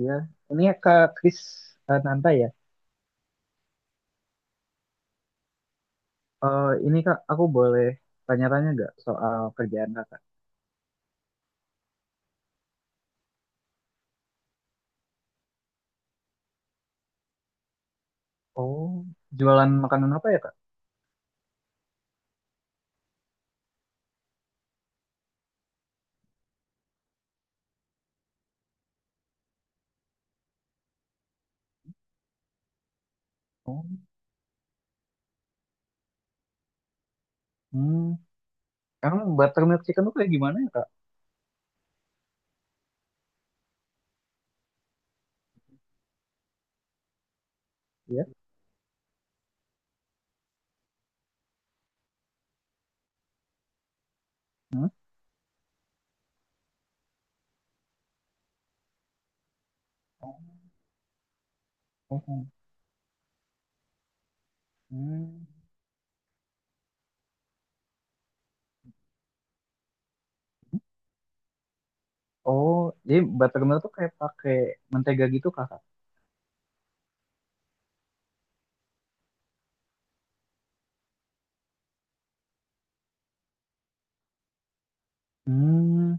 Iya, ini ya, Kak Kris eh, Nanta ya. Eh, ini Kak, aku boleh tanya-tanya nggak soal kerjaan Kakak? Oh, jualan makanan apa ya Kak? Oh, hmm. Emang buttermilk chicken tuh kayak gimana ya Kak? Iya. Hmm? Oh, oh, oh. Hmm. Oh, jadi buttermilk tuh kayak pakai mentega gitu Kakak? Hmm,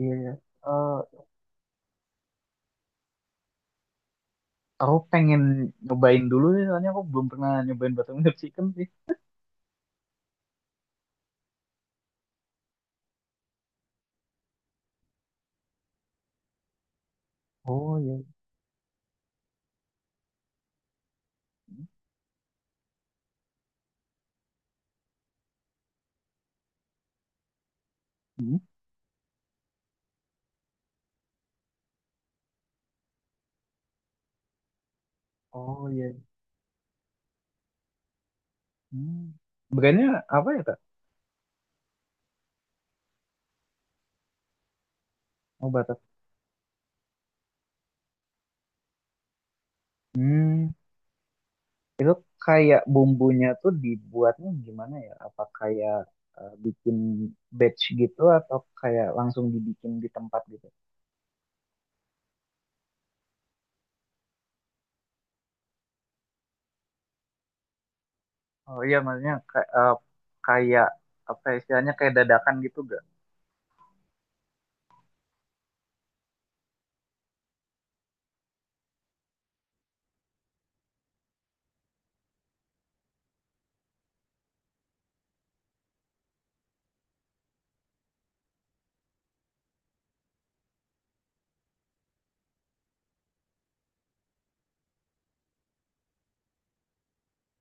iya, iya. Eh, aku pengen nyobain dulu sih, soalnya aku belum pernah nyobain buttermilk chicken sih. Oh iya. Hmm. Oh iya. Hmm. Brandnya apa ya Kak? Oh, batas. Hmm, kayak bumbunya tuh dibuatnya gimana ya? Apa kayak bikin batch gitu atau kayak langsung dibikin di tempat gitu? Oh iya, maksudnya kayak apa ya, istilahnya kayak dadakan gitu gak?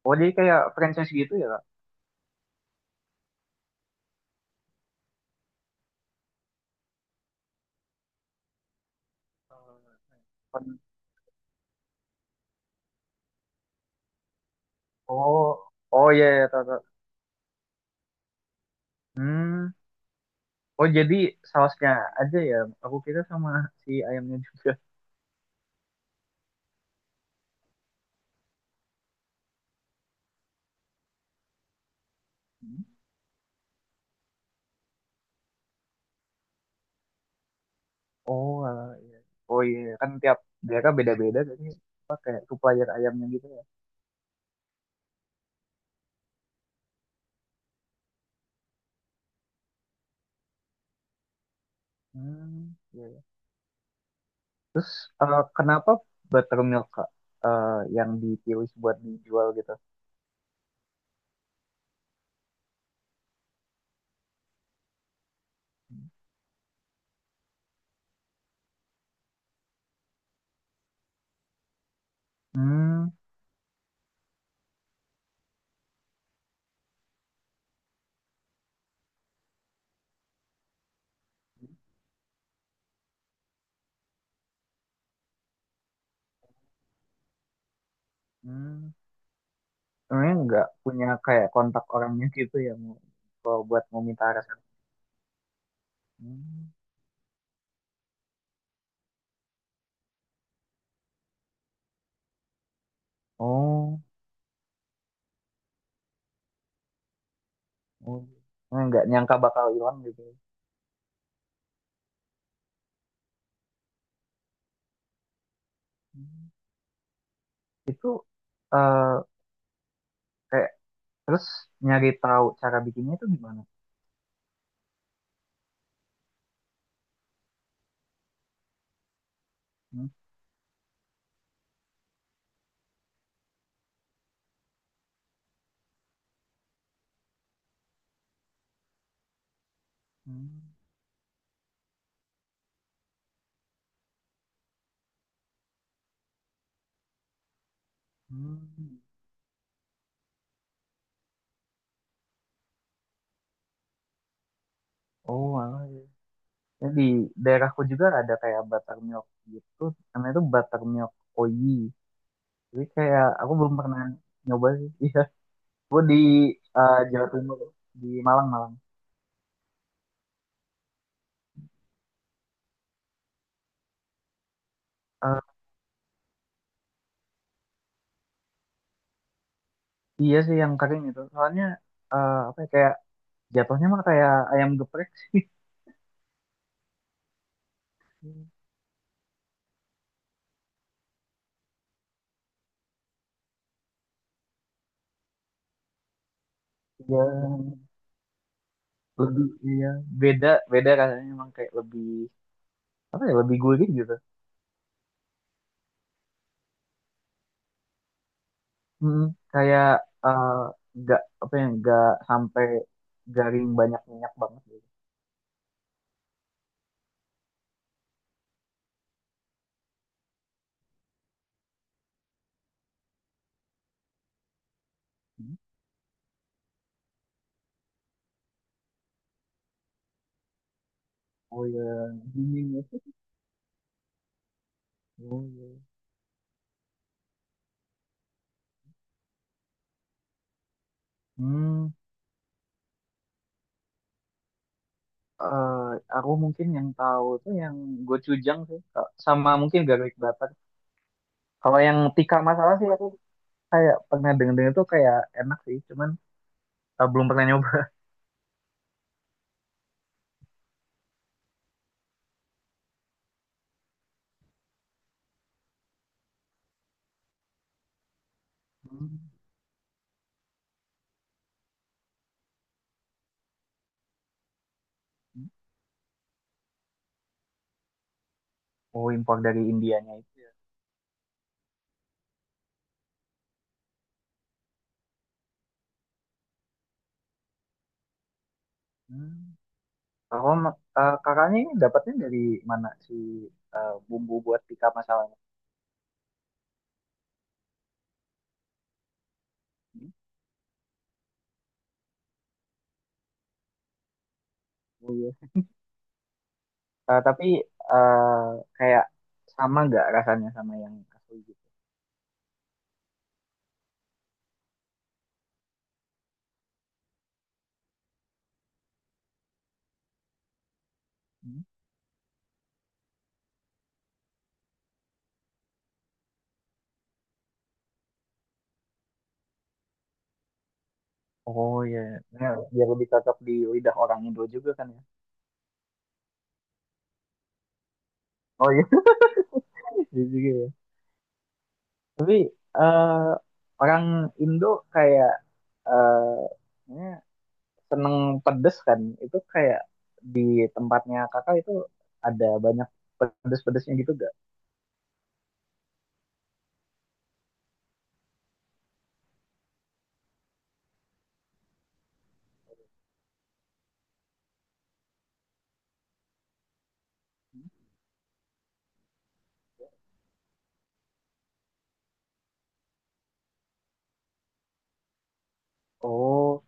Oh, jadi kayak franchise gitu ya, Kak? Pen- Oh, oh iya, iya, tahu, tahu. Hmm, oh jadi sausnya aja ya. Aku kira sama si ayamnya juga. Hmm. Oh, alah, iya. Oh iya, kan tiap daerah beda-beda jadi supplier ayamnya gitu ya. Hmm, iya, iya. Eh, kenapa buttermilk Kak, eh, yang dipilih buat dijual gitu? Hmm, hmm. Sebenarnya nggak punya kayak kontak orangnya gitu ya mau kalau buat mau minta resep. Hmm. Oh, oh. Nah, nggak nyangka bakal hilang gitu. Hmm. Itu eh kayak terus nyari tahu cara bikinnya itu gimana? Hmm. Hmm. Hmm. Oh, alah, terus di daerahku juga ada kayak buttermilk gitu namanya tuh buttermilk oyi jadi kayak aku belum pernah nyoba sih iya gue di Jawa Timur di Malang Malang Eh, iya sih yang kering itu soalnya apa ya, kayak jatuhnya mah kayak ayam geprek sih. Iya, lebih iya beda beda rasanya emang kayak lebih apa ya lebih gurih gitu. Mm, kayak eh, nggak apa ya nggak sampai garing banyak minyak banget gitu. Oh ya, ini ya. Oh, ya. Hmm, eh, aku mungkin yang tahu tuh yang gochujang sih, Kak, sama mungkin garlic butter. Kalau yang tikar masalah sih aku kayak pernah dengar-dengar tuh kayak enak sih, cuman belum pernah nyoba. Hmm. Oh, impor dari Indianya itu ya. Hmm. Kalau kakaknya ini dapatnya dari mana si bumbu buat tikar masalahnya? Hmm. Oh, iya. Eh, tapi eh, kayak sama nggak rasanya sama yang asli gitu? Oh iya, ya, biar lebih cocok di lidah orang Indo juga kan ya. Oh iya, iya juga ya. Tapi eh, orang Indo kayak eh, ya, seneng pedes kan. Itu kayak di tempatnya kakak itu ada banyak pedes-pedesnya gitu gak? Oh,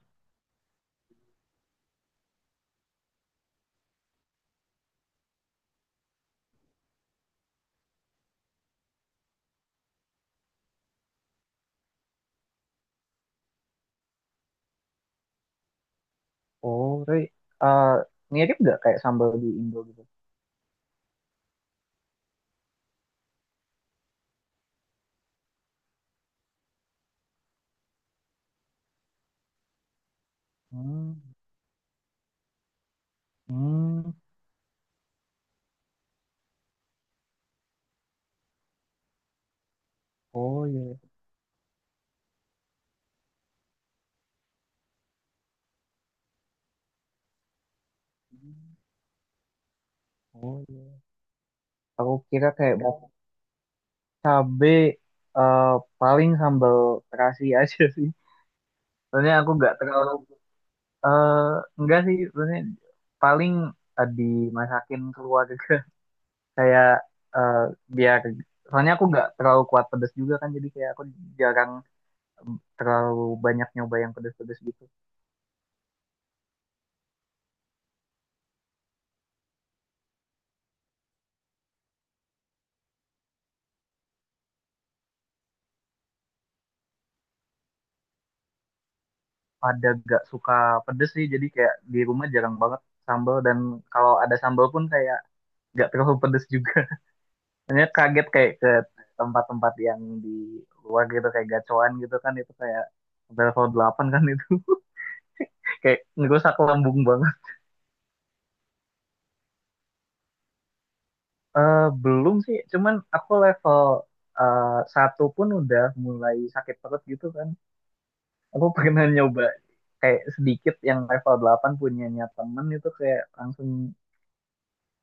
oh, tapi eh, mirip gak kayak sambal di Indo gitu? Hmm, hmm, oh iya. Hmm. Oh iya. Aku kira kayak mau Cabe eh, paling sambal terasi aja sih. Soalnya aku nggak terlalu eh enggak sih. Soalnya paling dimasakin keluarga kayak eh, biar soalnya aku nggak terlalu kuat pedas juga kan jadi kayak aku jarang em, terlalu banyak nyoba yang pedas-pedas gitu. Pada nggak suka pedas sih jadi kayak di rumah jarang banget sambal dan kalau ada sambal pun kayak nggak terlalu pedas juga. Hanya kaget kayak ke tempat-tempat yang di luar gitu kayak gacoan gitu kan itu kayak level 8 kan itu kayak ngerusak lambung banget. Eh, belum sih, cuman aku level eh, satu pun udah mulai sakit perut gitu kan. Aku pernah nyoba kayak sedikit yang level 8 punyanya temen itu kayak langsung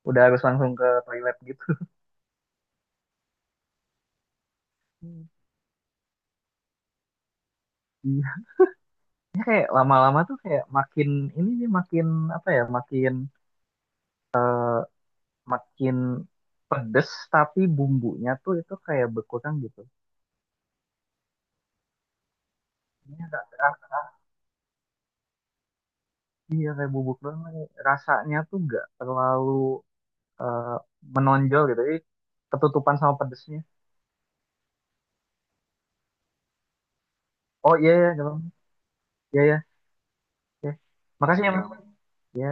udah harus langsung ke toilet gitu. Iya, ya, kayak lama-lama tuh kayak makin ini sih makin apa ya makin makin pedes tapi bumbunya tuh itu kayak berkurang gitu. Ini agak agak- iya kayak bubuk doang nih. Rasanya tuh nggak terlalu eh, menonjol gitu. Jadi ketutupan sama pedesnya. Oh iya ya, gampang. Iya iya. Iya. Makasih ya, Mas. Iya.